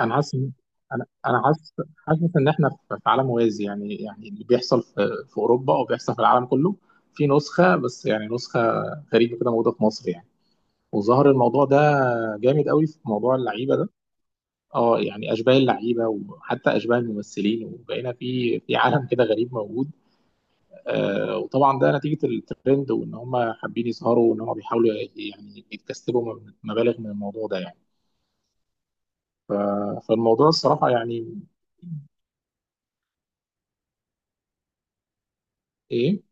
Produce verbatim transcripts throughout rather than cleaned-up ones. انا حاسس إن- انا انا حاسس حاسس ان احنا في في عالم موازي يعني يعني اللي بيحصل في في اوروبا او بيحصل في العالم كله في نسخه بس يعني نسخه غريبه كده موجوده في مصر يعني. وظهر الموضوع ده جامد قوي في موضوع اللعيبه ده. اه، يعني اشباه اللعيبه وحتى اشباه الممثلين وبقينا في في عالم كده غريب موجود. آه، وطبعا ده نتيجه الترند وان هم حابين يظهروا وان هم بيحاولوا يعني يكتسبوا مبالغ من الموضوع ده يعني. فالموضوع الصراحه يعني ايه.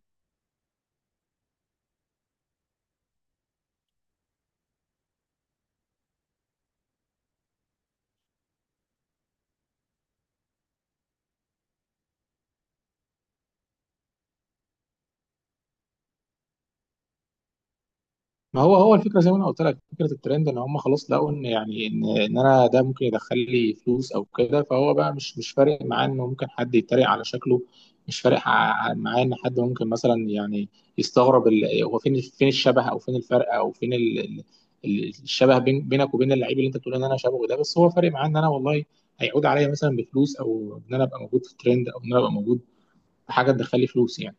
ما هو هو الفكره زي ما انا قلت لك فكره الترند ان هم خلاص لقوا ان يعني ان ان انا ده ممكن يدخل لي فلوس او كده فهو بقى مش مش فارق معاه انه ممكن حد يتريق على شكله. مش فارق ع- معاه ان حد ممكن مثلا يعني يستغرب ال- هو فين فين الشبه او فين الفرق او فين ال- ال- ال- الشبه بين بينك وبين اللعيب اللي انت بتقول ان انا شبهه ده، بس هو فارق معاه ان انا والله هيعود عليا مثلا بفلوس او ان انا ابقى موجود في الترند او ان انا ابقى موجود في حاجه تدخل لي فلوس يعني.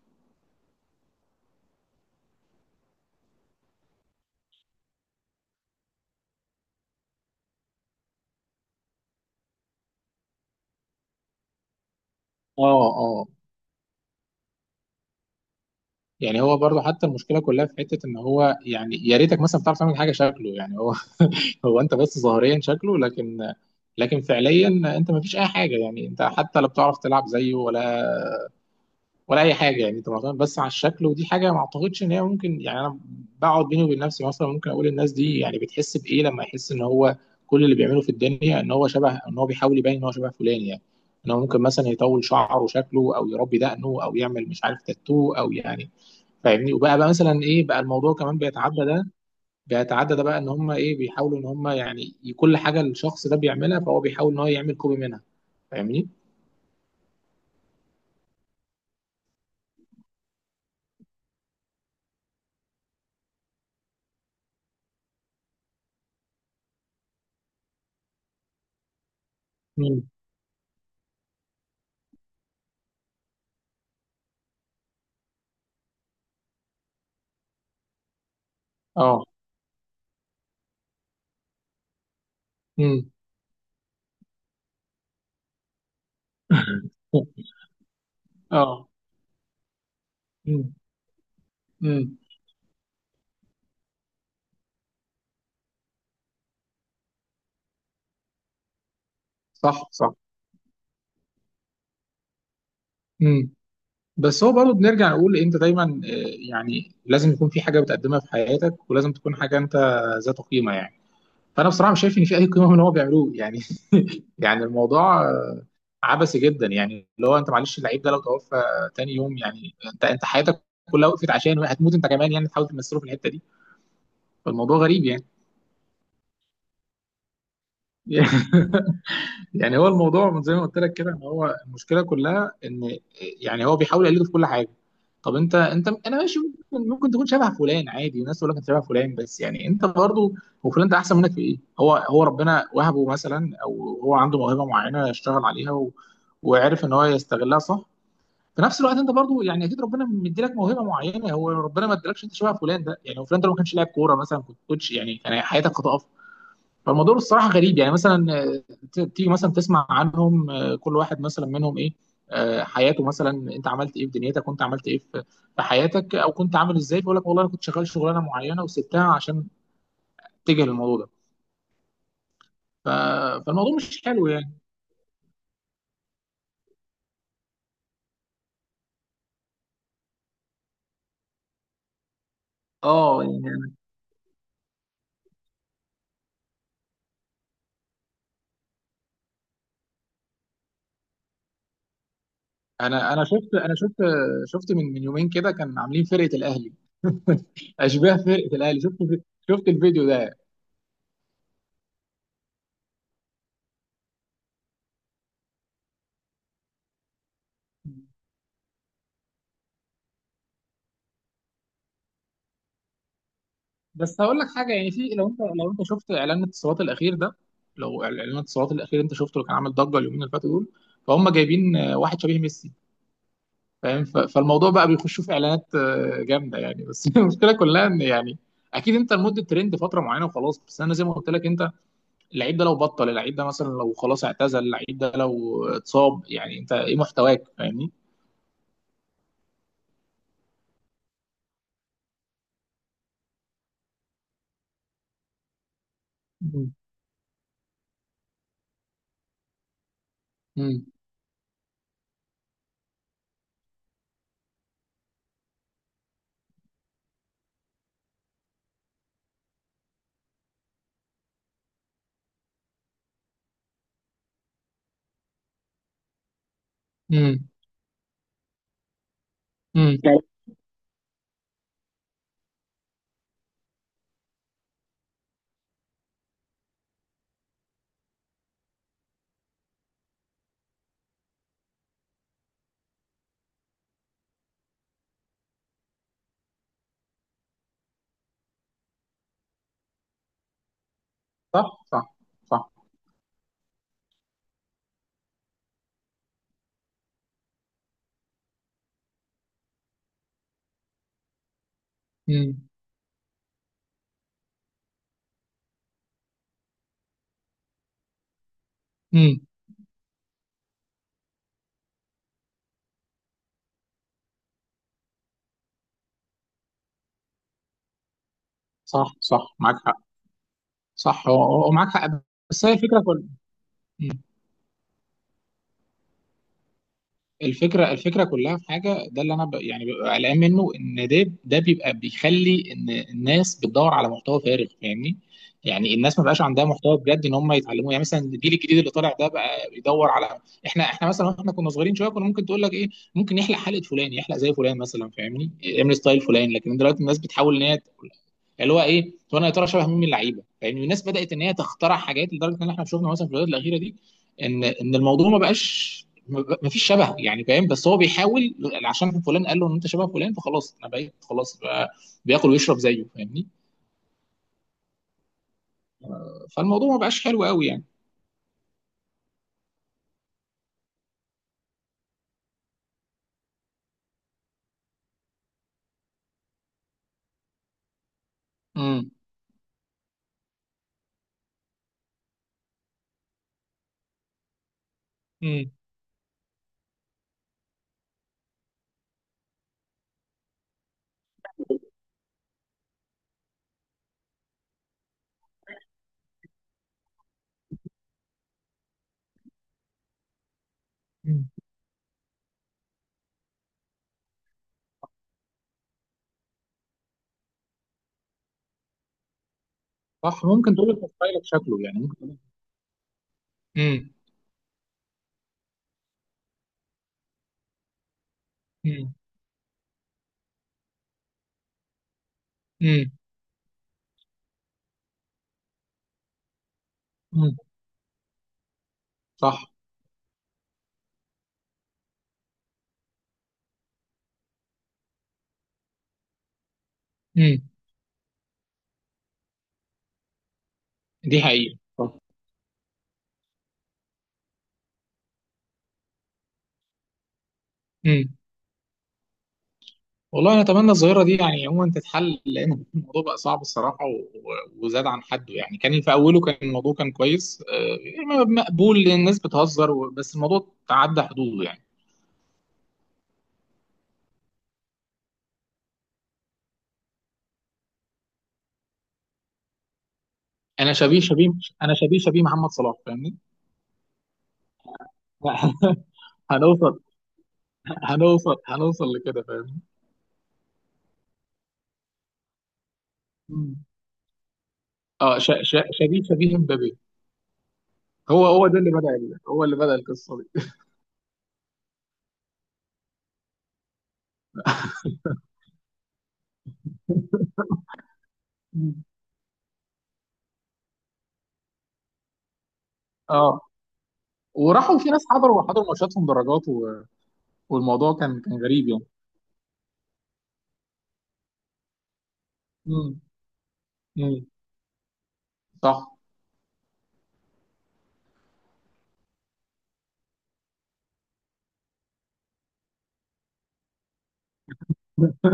اه، اه، يعني هو برضه حتى المشكله كلها في حته ان هو يعني يا ريتك مثلا بتعرف تعمل حاجه شكله يعني هو، هو انت بس ظاهريا شكله، لكن لكن فعليا انت ما فيش اي حاجه يعني انت حتى لا بتعرف تلعب زيه ولا ولا اي حاجه يعني انت معتمد بس على الشكل. ودي حاجه ما اعتقدش ان هي ممكن يعني. انا بقعد بيني وبين نفسي مثلا ممكن اقول الناس دي يعني بتحس بايه لما يحس ان هو كل اللي بيعمله في الدنيا ان هو شبه، ان هو بيحاول يبين ان هو شبه فلان يعني. ان هو ممكن مثلا يطول شعره وشكله او يربي دقنه او يعمل مش عارف تاتو او يعني فاهمني. وبقى بقى مثلا ايه بقى، الموضوع كمان بيتعدى ده. بيتعدى ده بقى ان هم ايه، بيحاولوا ان هم يعني ي- كل حاجه الشخص ده بيعملها فهو بيحاول ان هو يعمل كوبي منها. فاهمني؟ امم اه امم اه. امم. امم. صح، صح. امم. بس هو برضه بنرجع نقول انت دايما آه، يعني لازم يكون في حاجه بتقدمها في حياتك ولازم تكون حاجه انت ذات قيمه يعني. فانا بصراحه مش شايف ان في اي قيمه من اللي هو بيعملوه يعني. يعني الموضوع آه، عبثي جدا يعني. اللي هو انت معلش، اللعيب ده لو توفى تاني يوم يعني انت انت حياتك كلها وقفت عشان هتموت انت كمان يعني، تحاول تمثله في الحته دي. فالموضوع غريب يعني. يعني هو الموضوع من زي ما قلت لك كده ان هو المشكله كلها ان، يعني هو بيحاول يقلده في كل حاجه. طب انت انت انا ماشي، ممكن ممكن تكون شبه فلان عادي والناس تقول لك انت شبه فلان، بس يعني انت برضه هو فلان ده احسن منك في ايه؟ هو هو ربنا وهبه مثلا او هو عنده موهبه معينه اشتغل عليها، و... وعرف ان هو يستغلها، صح. في نفس الوقت انت برضو يعني اكيد ربنا مديلك موهبه معينه، هو ربنا ما ادالكش انت شبه فلان ده يعني. لو فلان ده لو ما كانش لاعب كوره مثلا كنت كوتش يعني، كان حياتك هتقف. فالموضوع الصراحه غريب يعني. مثلا آه، ت- تيجي مثلا تسمع عنهم، آه، كل واحد مثلا منهم ايه، آه، حياته مثلا. انت عملت ايه في دنيتك، كنت عملت ايه في في حياتك، او كنت عامل ازاي، فيقول لك والله انا كنت شغال شغلانه معينه وسبتها عشان اتجه للموضوع ده. ف- فالموضوع مش حلو يعني. اه يعني. انا انا شفت انا شفت شفت من من يومين كده كان عاملين فرقه الاهلي، اشباه فرقه الاهلي. شفت شفت الفيديو ده؟ بس هقول لك حاجه، يعني في، لو انت لو انت شفت اعلان الاتصالات الاخير ده، لو اعلان الاتصالات الاخير انت شفته اللي كان عامل ضجه اليومين اللي فاتوا دول، فهم جايبين آه، واحد شبيه ميسي، فاهم؟ ف- فالموضوع بقى بيخشوا في اعلانات آه، جامده يعني. بس المشكله كلها ان يعني اكيد انت لمده ترند فتره معينه وخلاص، بس انا زي ما قلت لك انت اللعيب ده لو بطل، اللعيب ده مثلا لو خلاص اعتزل، اللعيب ده لو اتصاب، يعني انت ايه محتواك، فاهمني؟ امم. امم. امم. صح. صح. صح. امم. امم. صح، صح، معاك حق. صح، هو هو- هو معاك حق. بس هي الفكره كلها. الفكره الفكره كلها في حاجه، ده اللي انا ب... يعني ببقى قلقان منه، ان ده ده بيبقى بيخلي ان الناس بتدور على محتوى فارغ فاهمني. يعني الناس ما بقاش عندها محتوى بجد ان هم يتعلموه. يعني مثلا الجيل الجديد اللي طالع ده بقى بيدور على، احنا احنا مثلا واحنا كنا صغيرين شويه كنا ممكن تقول لك ايه، ممكن يحلق حلقه فلان، يحلق زي فلان مثلا فاهمني، يعمل ستايل فلان. لكن دلوقتي الناس بتحاول ان هي تقول، اللي هو ايه، طب انا يا ترى شبه مين من اللعيبه، فاهمني. الناس بدات ان هي تخترع حاجات، لدرجه ان احنا شفنا مثلا في الفيديوهات الاخيره دي ان ان الموضوع ما بقاش ما فيش شبهه يعني فاهم، بس هو بيحاول عشان فلان قال له ان انت شبه فلان، فخلاص انا بقيت خلاص بقى بياكل ويشرب زيه فاهمني. فالموضوع ما بقاش حلو قوي يعني. امم. امم. امم. صح، ممكن تقول لك ستايلك شكله، يعني ممكن تقول. امم. امم. امم. امم. صح. امم. دي حقيقة، صح. امم. والله انا اتمنى الظاهره دي يعني عموما تتحل، لان الموضوع بقى صعب الصراحه و- و- وزاد عن حده يعني. كان في اوله كان الموضوع كان كويس، آه، مقبول، الناس بتهزر و- بس الموضوع تعدى حدوده يعني. انا شبيه شبيه انا شبيه شبيه محمد صلاح فاهمني. هنوصل، هنوصل هنوصل لكده فاهمني. مم. اه، ش... ش... شبيه شبيه مبابي. هو هو ده اللي بدأ ال- هو اللي بدأ القصه دي. مم. اه، وراحوا في ناس حضروا حضروا ماتشاتهم درجات، و... والموضوع كان كان غريب يعني. مم. مم. صح.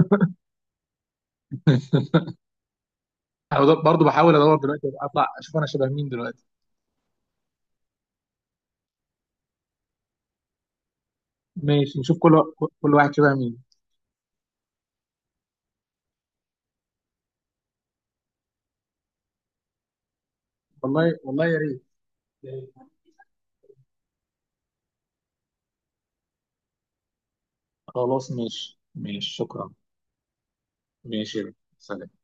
انا بد- برضو بحاول ادور دلوقتي اطلع اشوف انا شبه مين دلوقتي. ماشي، نشوف كل وا- كل واحد شبه مين. والله والله يا ريت. يا ريت. خلاص، ماشي ماشي، شكرا. ماشي يا ريت. سلام.